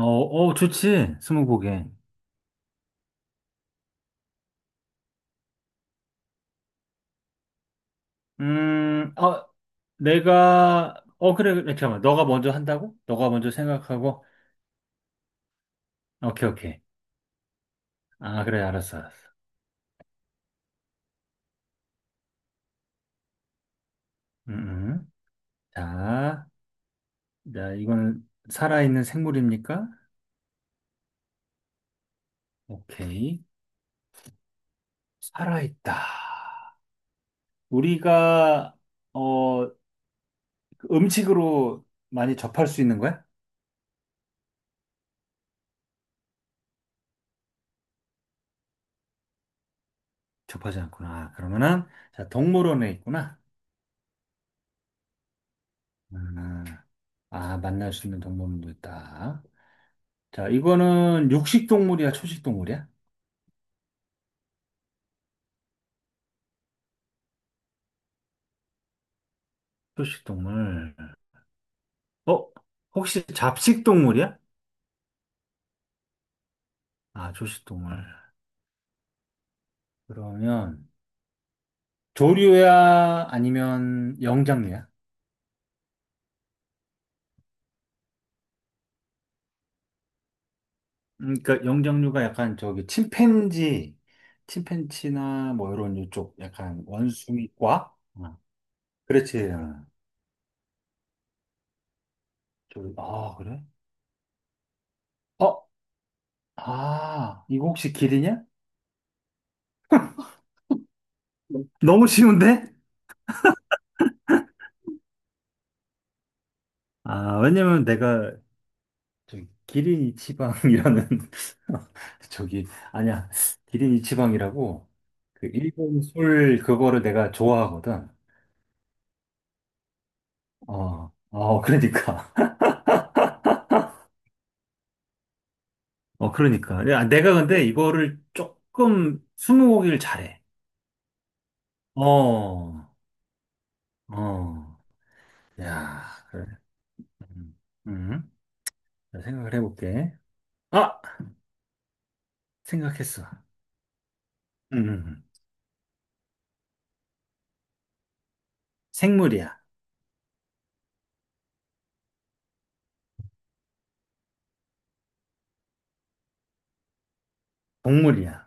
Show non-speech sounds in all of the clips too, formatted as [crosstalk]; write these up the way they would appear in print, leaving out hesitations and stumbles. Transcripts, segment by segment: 어, 어, 좋지. 스무고개. 어, 내가, 어, 그래, 그래, 잠깐만. 너가 먼저 한다고? 너가 먼저 생각하고? 오케이, 오케이. 아, 그래, 알았어, 알았어. 음, 음. 자, 자, 이건 살아있는 생물입니까? 오케이. 살아있다. 우리가, 어, 그 음식으로 많이 접할 수 있는 거야? 접하지 않구나. 아, 그러면은, 자, 동물원에 있구나. 음, 아, 아, 만날 수 있는 동물원도 있다. 자, 이거는 육식 동물이야, 초식 동물이야? 초식 동물. 어? 혹시 잡식 동물이야? 아, 초식 동물. 그러면 조류야 아니면 영장류야? 그러니까 영장류가 약간 저기 침팬지, 침팬지나 뭐 이런 이쪽 약간 원숭이과? 어, 그렇지. 어, 저 아, 그래? 어? 아, 이거 혹시 길이냐? 너무 쉬운데? 아, 왜냐면 내가 저기 기린이 치방이라는 [laughs] 저기 아니야 기린이 치방이라고 그 일본 술 그거를 내가 좋아하거든. 어, 어 그러니까 [laughs] 어 그러니까 야, 내가 근데 이거를 조금 스무고기를 잘해. 어, 어, 야 그래. 음, 음. 자, 생각을 해볼게. 아 생각했어. 음, 음, 음. 생물이야. 동물이야.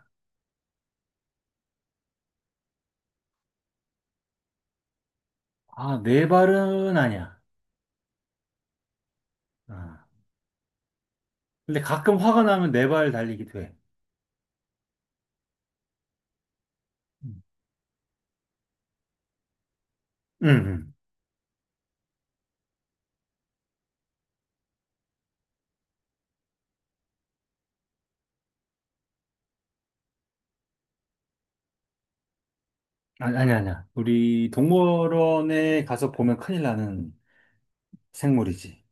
아 네 발은 아니야. 어. 근데 가끔 화가 나면 네 발 달리기도 해. 음. 응, 응. 아니, 아니, 아니야. 우리 동물원에 가서 보면 큰일 나는 생물이지.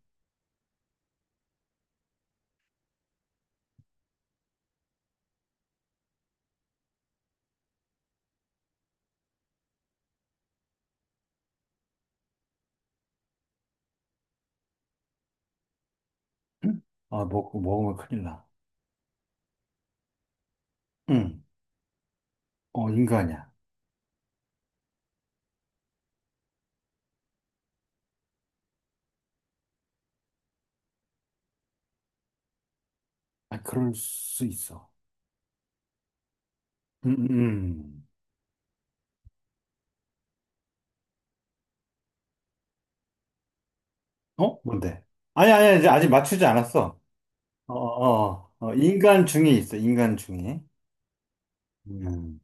응? 아, 먹 먹으면 큰일 나. 응. 어, 인간이야. 아, 그럴 수 있어. 응, 응, 응. 어? 뭔데? 아니, 아니, 이제 아직 맞추지 않았어. 어, 어, 어, 인간 중에 있어, 인간 중에. 음.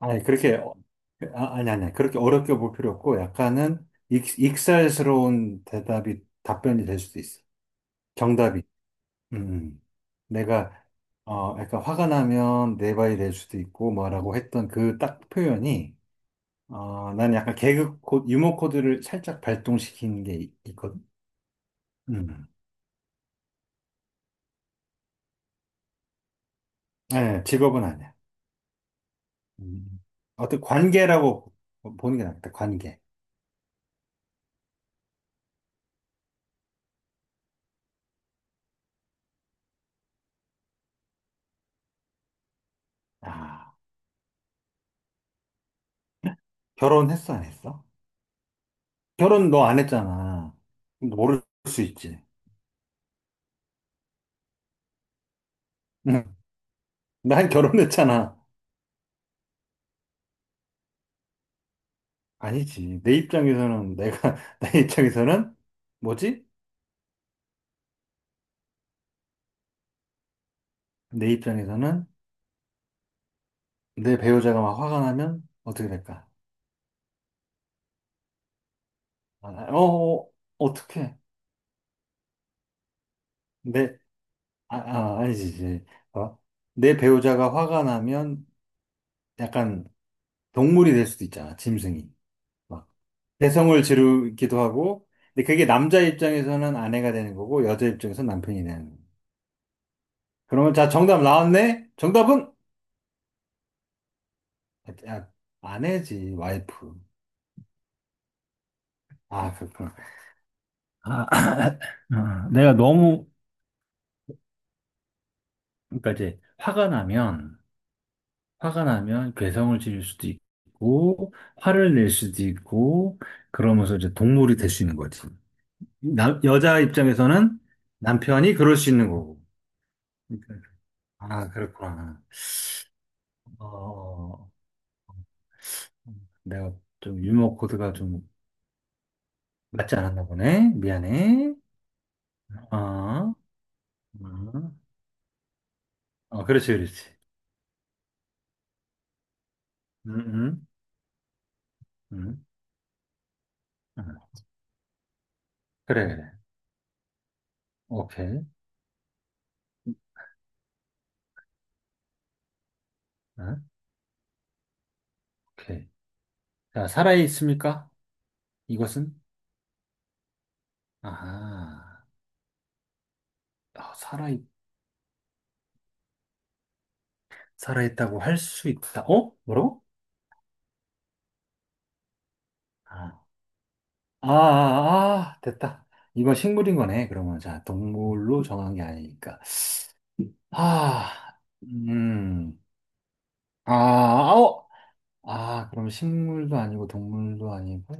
아니, 그렇게, 어, 아, 아니, 아니, 그렇게 어렵게 볼 필요 없고, 약간은 익, 익살스러운 대답이, 답변이 될 수도 있어. 정답이. 음. 음. 내가 어 약간 화가 나면 내 바이 될 수도 있고 뭐라고 했던 그 딱 표현이 어 난 약간 개그 코 유머 코드를 살짝 발동시키는 게 있거든. 음. 네, 직업은 아니야. 음. 어떤 관계라고 보는 게 낫겠다. 관계. 아, 결혼했어 안 했어? 결혼 너 안 했잖아. 모를 수 있지. 응. 난 결혼했잖아. 아니지. 내 입장에서는 내가 [laughs] 내 입장에서는 뭐지? 내 입장에서는 내 배우자가 막 화가 나면 어떻게 될까? 아, 어, 어, 어떻게? 내, 아, 아, 아니지, 이제. 어? 내 배우자가 화가 나면 약간 동물이 될 수도 있잖아, 짐승이. 막, 개성을 지르기도 하고, 근데 그게 남자 입장에서는 아내가 되는 거고, 여자 입장에서는 남편이 되는 거. 그러면 자, 정답 나왔네? 정답은? 야, 아내지, 와이프. 아, 그렇구나. 아, [laughs] [clears throat] 어, 내가 너무, 그러니까 이제 화가 나면, 화가 나면 괴성을 지를 수도 있고, 화를 낼 수도 있고, 그러면서 이제 동물이 될 수 있는 거지. 남, 여자 입장에서는 남편이 그럴 수 있는 거고. 그러니까, 아, 그렇구나. 어, 어, 어. 내가 좀 유머 코드가 좀 맞지 않았나 보네. 미안해. 어, 어, 어, 그렇지, 그렇지. 음, 음, 음. 음. 그래, 그래. 오케이. 어, 오케이. 자, 살아있습니까? 이것은? 아 아, 살아있, 살아있다고 할 수 있다. 어? 뭐라고? 아, 아, 아, 아, 됐다. 이건 식물인 거네. 그러면 자, 동물로 정한 게 아니니까. 아, 음, 아, 아, 어, 아, 그럼 식물도 아니고 동물도 아니고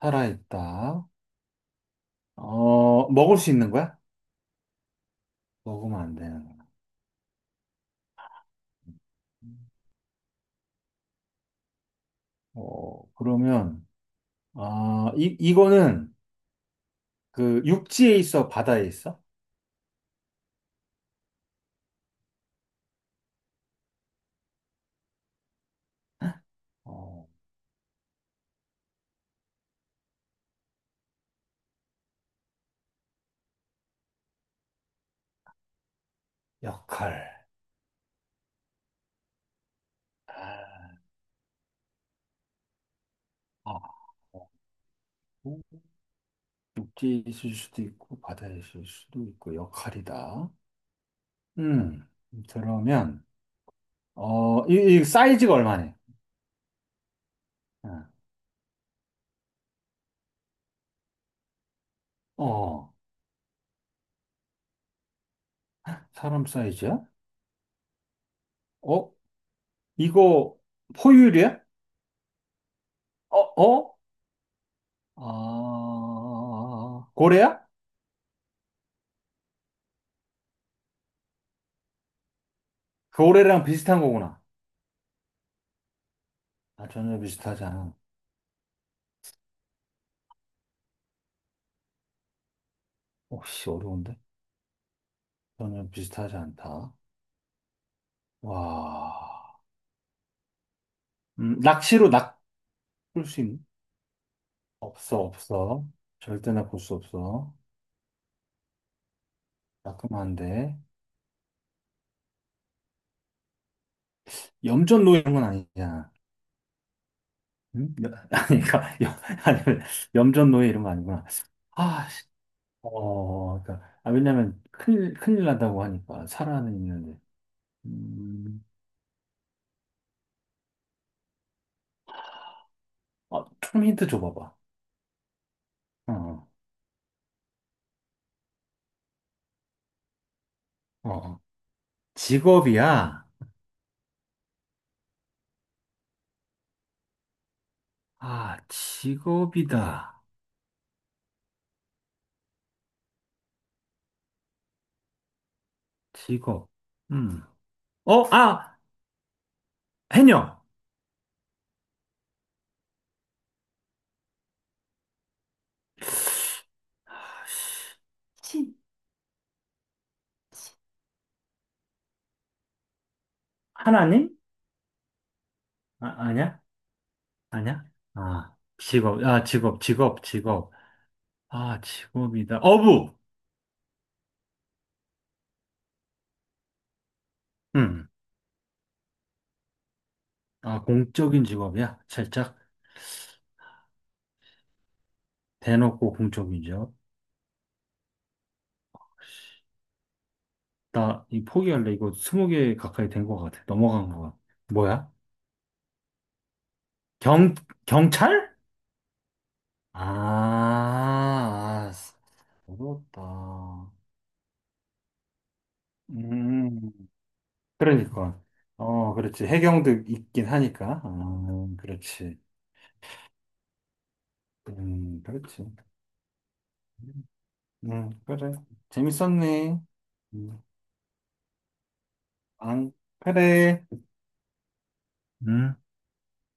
살아있다. 어, 먹을 수 있는 거야? 먹으면 안 되는 거야. 어, 그러면 아, 이 이거는 그 육지에 있어, 바다에 있어? 어, 역할. 아, 육지에 있을 수도 있고 바다에 있을 수도 있고 역할이다. 음, 그러면 어, 이, 이 사이즈가 얼마네? 어, 어, 사람 사이즈야? 어, 이거 포유류야? 어, 어? 아, 고래야? 그 고래랑 비슷한 거구나. 아, 전혀 비슷하지 않아. 혹시 어려운데? 전혀 비슷하지 않다. 와, 낚시로 낚을 수 있? 없어, 없어. 절대나 볼 수 없어. 따끔한데. 염전 노예 이런 건 아니잖아. 응? [laughs] 아니, 그러니까, 염, 아니, 염전 노예 이런 거 아니구나. 아, 씨. 어, 그러니까, 아, 왜냐면 큰일, 큰일 난다고 하니까, 살아는 있는데. 음, 어, 좀 힌트 줘봐봐. 어, 어, 어. 직업이야. 아, 직업이다. 직업. 음. 어, 아, 해녀. 아, 씨. 신, 신, 하나님? 아, 아니야? 아니야? 아, 직업, 아, 직업, 직업, 직업. 아, 직업이다. 어부! 음. 아, 공적인 직업이야? 살짝 대놓고 공적인 직업? 나 이 포기할래. 이거 스무 개 가까이 된 것 같아. 넘어간 것 같아. 뭐야? 경, 경찰? 아, 아, 어렵다. 음, 그러니까. 어, 그렇지. 해경도 있긴 하니까. 아, 그렇지. 그렇지. 그래. 재밌었네. 음, 안, 그래. 음.